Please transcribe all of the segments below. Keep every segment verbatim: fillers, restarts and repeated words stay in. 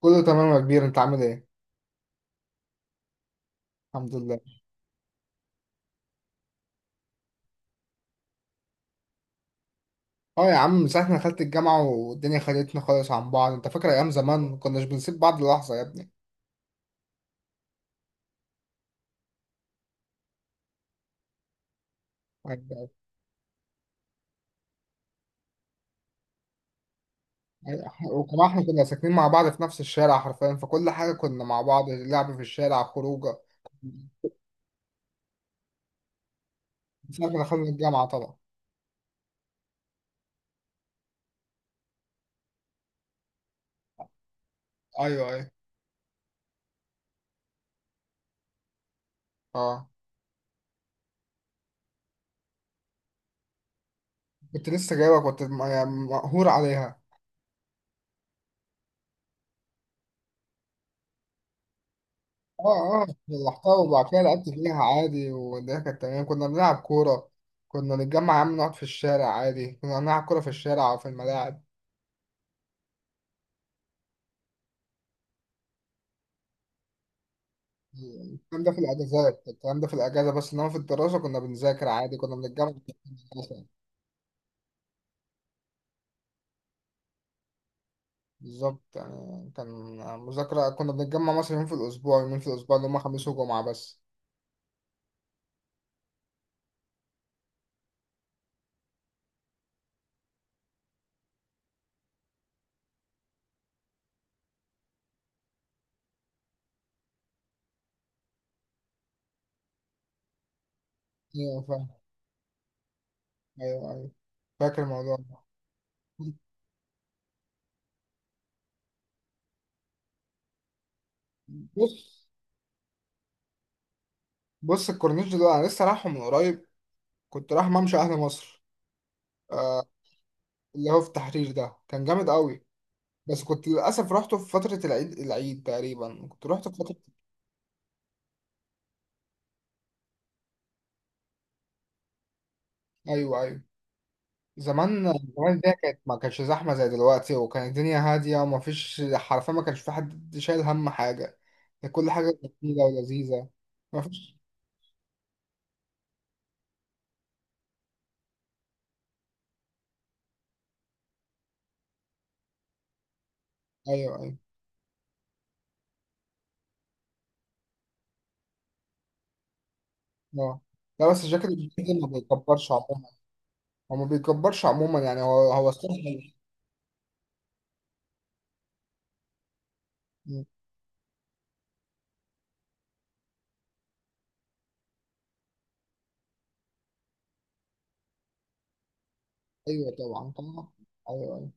كله تمام يا كبير، انت عامل ايه؟ الحمد لله. اه يا عم، من ساعه ما دخلت الجامعه والدنيا خدتنا خالص عن بعض. انت فاكر ايام زمان ما كناش بنسيب بعض لحظه يا ابني. يعني- وكمان احنا كنا ساكنين مع بعض في نفس الشارع حرفيا، فكل حاجه كنا مع بعض، لعب في الشارع، خروجه، من ساعه ما دخلنا الجامعه طبعا. ايوه ايوه. اه كنت لسه جايبك، كنت م- يعني مقهور عليها. اه اه، لحظتها وبعد كده لعبت فيها عادي والدنيا كانت تمام، كنا بنلعب كوره. كنا نتجمع يا عم، نقعد في الشارع عادي، كنا نلعب كوره في الشارع وفي الملاعب. الكلام ده في الاجازات، الكلام ده في الاجازه بس. انما في الدراسه كنا بنذاكر عادي، كنا بنتجمع في الدراسة. بالظبط يعني كان مذاكره، كنا بنتجمع مثلا يوم في الاسبوع، يومين في الاسبوع، اللي هم خميس وجمعه بس. ايوه فاهم. ايوه ايوه، فاكر الموضوع ده. بص، بص الكورنيش ده انا لسه رايحه من قريب، كنت رايح ممشى اهل مصر. آه، اللي هو في التحرير ده، كان جامد قوي. بس كنت للاسف رحته في فتره العيد، العيد تقريبا كنت رحت في فتره. ايوه ايوه. زمان، زمان الدنيا كانت ما كانتش زحمة زي دلوقتي، وكانت الدنيا هادية، وما فيش حرفيا، ما كانش في حد شايل هم حاجة، كانت كل حاجة جميلة ولذيذة. ما فيش. أيوه أيوه. أه، لا بس الجاكيت الجديد ما بيكبرش عموما. هو ما بيكبرش عموما، يعني هو هو الصح. أيوه طبعا طبعا. أيوه أيوه.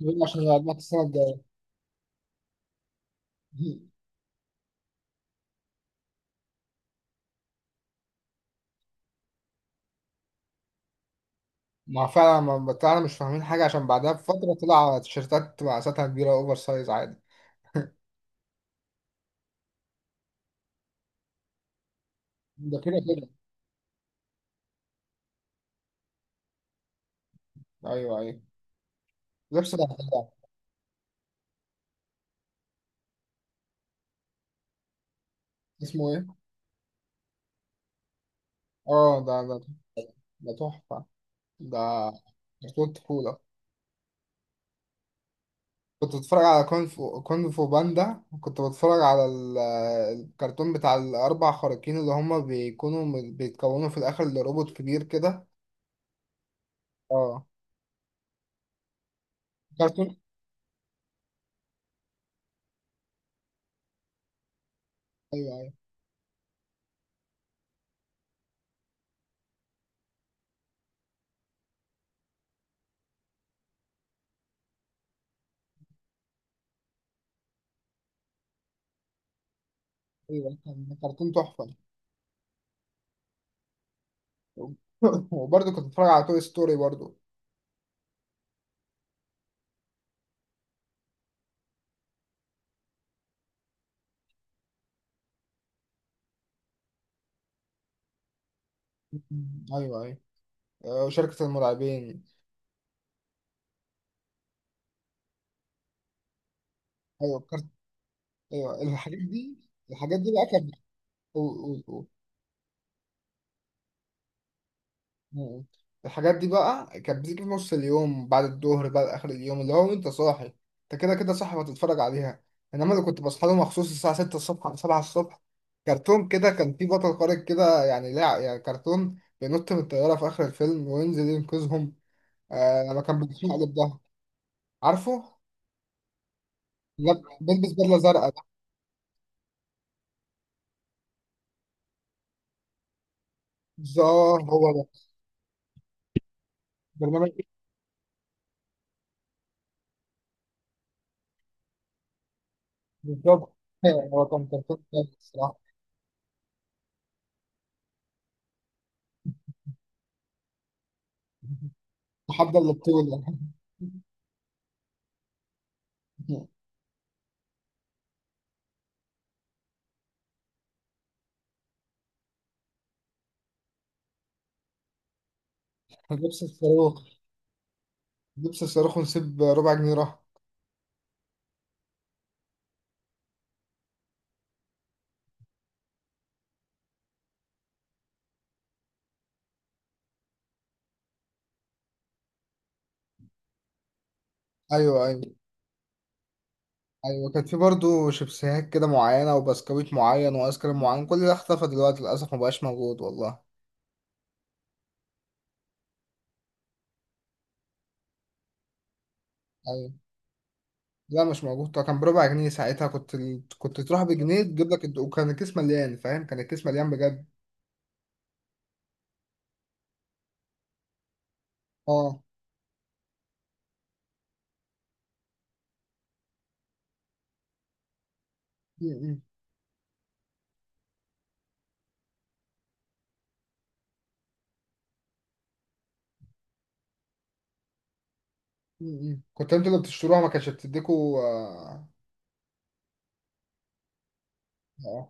بيقولوا عشان يقعدوك السنة الجاية. ما فعلا، ما بتاعنا مش فاهمين حاجة، عشان بعدها بفترة طلع تيشيرتات مقاساتها كبيرة، أوفر سايز عادي. ده كده كده. أيوه أيوه. لبس بقى. اسمه إيه؟ اه، ده ده ده تحفة، ده كرتون طفولة. كنت بتفرج على كونغ فو، كونغ فو باندا. كنت بتفرج على ال- الكرتون بتاع الأربع خارقين، اللي هما بيكونوا م- بيتكونوا في الآخر لروبوت كبير كده. اه كرتون. أيوه أيوه. أيوه كان كرتون تحفة. وبرضه كنت بتفرج على توي ستوري برضه. أيوه أيوه. آه، وشركة المرعبين. أيوه كرت... أيوه، الحاجات دي، الحاجات دي بقى كانت. قول قول قول. مم. الحاجات دي بقى كانت بتيجي في نص اليوم، بعد الظهر بقى، آخر اليوم، اللي هو أنت صاحي، أنت كده كده صاحي وهتتفرج عليها. إنما اللي كنت بصحى له مخصوص، الساعة ستة الصبح أو سبعة الصبح، كرتون كده كان في بطل خارق كده. يعني لا، يعني كرتون بينط من الطيارة في آخر الفيلم وينزل ينقذهم. آه، لما كان بيتشقلب على ده، عارفه؟ لا، بيلبس بدلة زرقاء ده. بالظبط هو ده. برنامج إيه؟ بالظبط. هو كان كرتون كويس الصراحة. تحدى البطولة. لبس الصاروخ. بيبسي الصاروخ، ونسيب ربع جنيه راح. ايوه ايوه. ايوه كان في برضه شيبسيهات كده معينه، وبسكويت معين، وايس كريم معين، كل ده اختفى دلوقتي للاسف، مبقاش موجود والله. ايوه. لا مش موجود طبعا، كان بربع جنيه ساعتها، كنت ال... كنت تروح بجنيه تجيب لك الد- وكان الكيس مليان فاهم، كان الكيس مليان بجد. اه. م- م- م- م. كنت انتوا اللي بتشتروها ما كانتش بتديكوا. اه اه.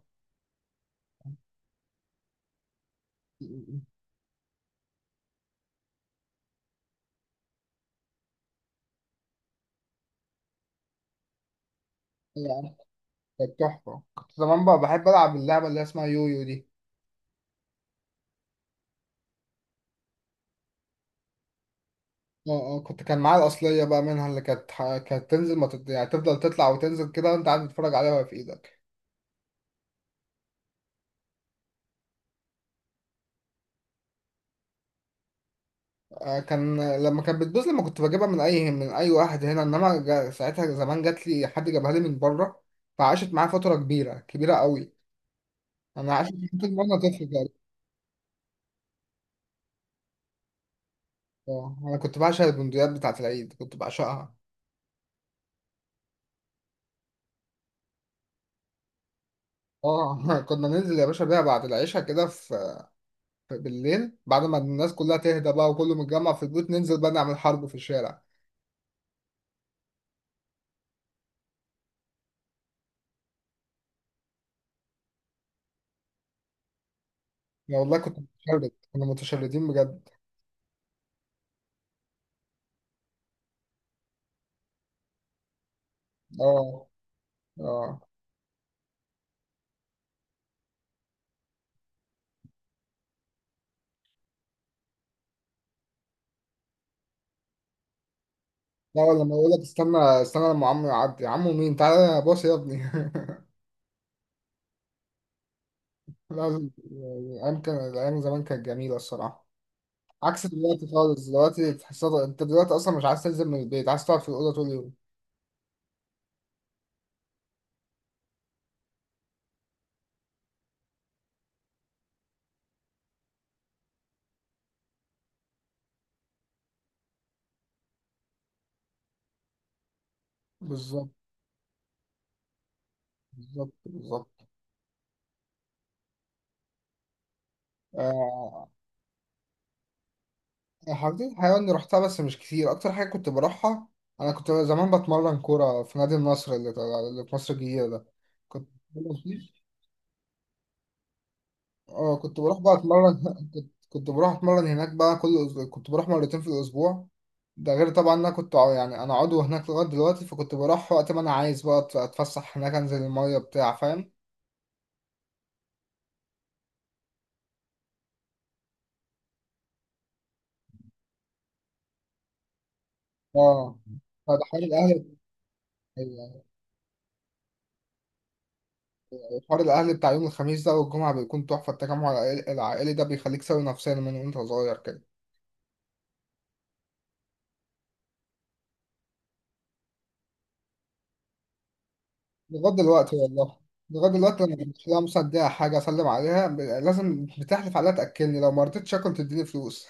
م- م- م. يعني كانت تحفه، كنت زمان بقى بحب العب اللعبه اللي اسمها يويو دي. اه اه، كنت كان معايا الأصلية بقى منها، اللي كانت ح- كانت تنزل ما تط... يعني تفضل تطلع وتنزل كده وانت قاعد تتفرج عليها وهي في ايدك. آه كان، لما كانت بتبوظ لما كنت بجيبها من اي من اي واحد هنا، انما جا... ساعتها زمان جات لي، حد جابها لي من بره، فعاشت معايا فترة كبيرة كبيرة قوي، انا عاشت فترة وانا طفل كده. اه انا كنت بعشق البندقيات بتاعت العيد، كنت بعشقها. اه. كنا ننزل يا باشا بيها بعد العشاء كده، في في بالليل، بعد ما الناس كلها تهدى بقى وكله متجمع في البيوت، ننزل بقى نعمل حرب في الشارع. أنا والله كنت متشرد، كنا متشردين بجد. اه اه. لا، ولا لما يقول لك استنى استنى لما عمو يعدي، عمو مين، تعالى يا باص يا ابني. لازم الايام، كان الايام زمان كانت جميله الصراحه، عكس دلوقتي خالص. دلوقتي تحسها، انت دلوقتي اصلا مش عايز تنزل من البيت، عايز تقعد في الاوضه طول اليوم. بالظبط بالظبط. بالظبط. آه، حديقة الحيوان اللي رحتها بس مش كتير، اكتر حاجه كنت بروحها، انا كنت زمان بتمرن كوره في نادي النصر، اللي اللي في مصر الجديده ده. كنت اه، كنت بروح بقى اتمرن. كنت كنت بروح اتمرن هناك بقى كل أسبوع، كنت بروح مرتين في الاسبوع. ده غير طبعا إن انا كنت ع- يعني انا عضو هناك لغايه دلوقتي، فكنت بروح وقت ما انا عايز بقى أت- اتفسح هناك، انزل الميه بتاع فاهم. اه، فده حوار الاهل، حوار الاهل بتاع يوم الخميس ده والجمعه بيكون تحفه، التجمع العائل- العائلي ده بيخليك سوي نفسيا من وانت صغير كده. لغايه دلوقتي والله، لغايه دلوقتي لما بمشي لها مثلا اديها حاجه، اسلم عليها، ب- لازم بتحلف عليها تاكلني، لو ما رضيتش اكل تديني فلوس.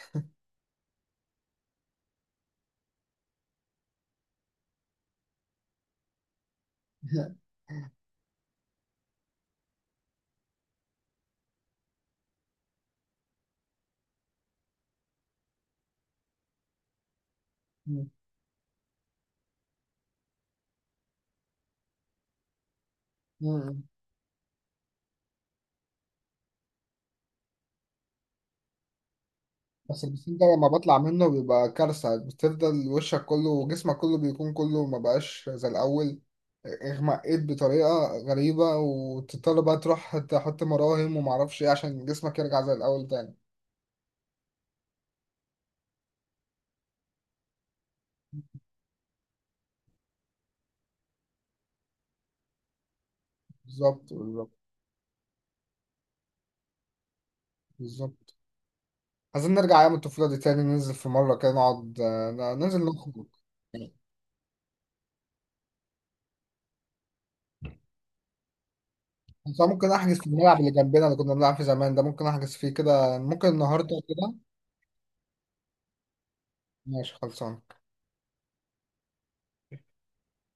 مم. بس البسين ده لما بطلع منه بيبقى كارثة، بتفضل وشك كله وجسمك كله بيكون كله ما بقاش زي الأول، اغمقيت بطريقة غريبة، وتضطر بقى تروح تحط مراهم ومعرفش ايه عشان جسمك يرجع زي الأول تاني. بالظبط بالظبط. بالظبط. عايزين نرجع أيام الطفولة دي تاني، ننزل في مرة كده نقعد، آه، ننزل نخرج. بس أنا ممكن أحجز في الملعب اللي جنبنا اللي كنا بنلعب فيه زمان ده، ممكن أحجز فيه كده ممكن النهاردة كده. ماشي خلصان.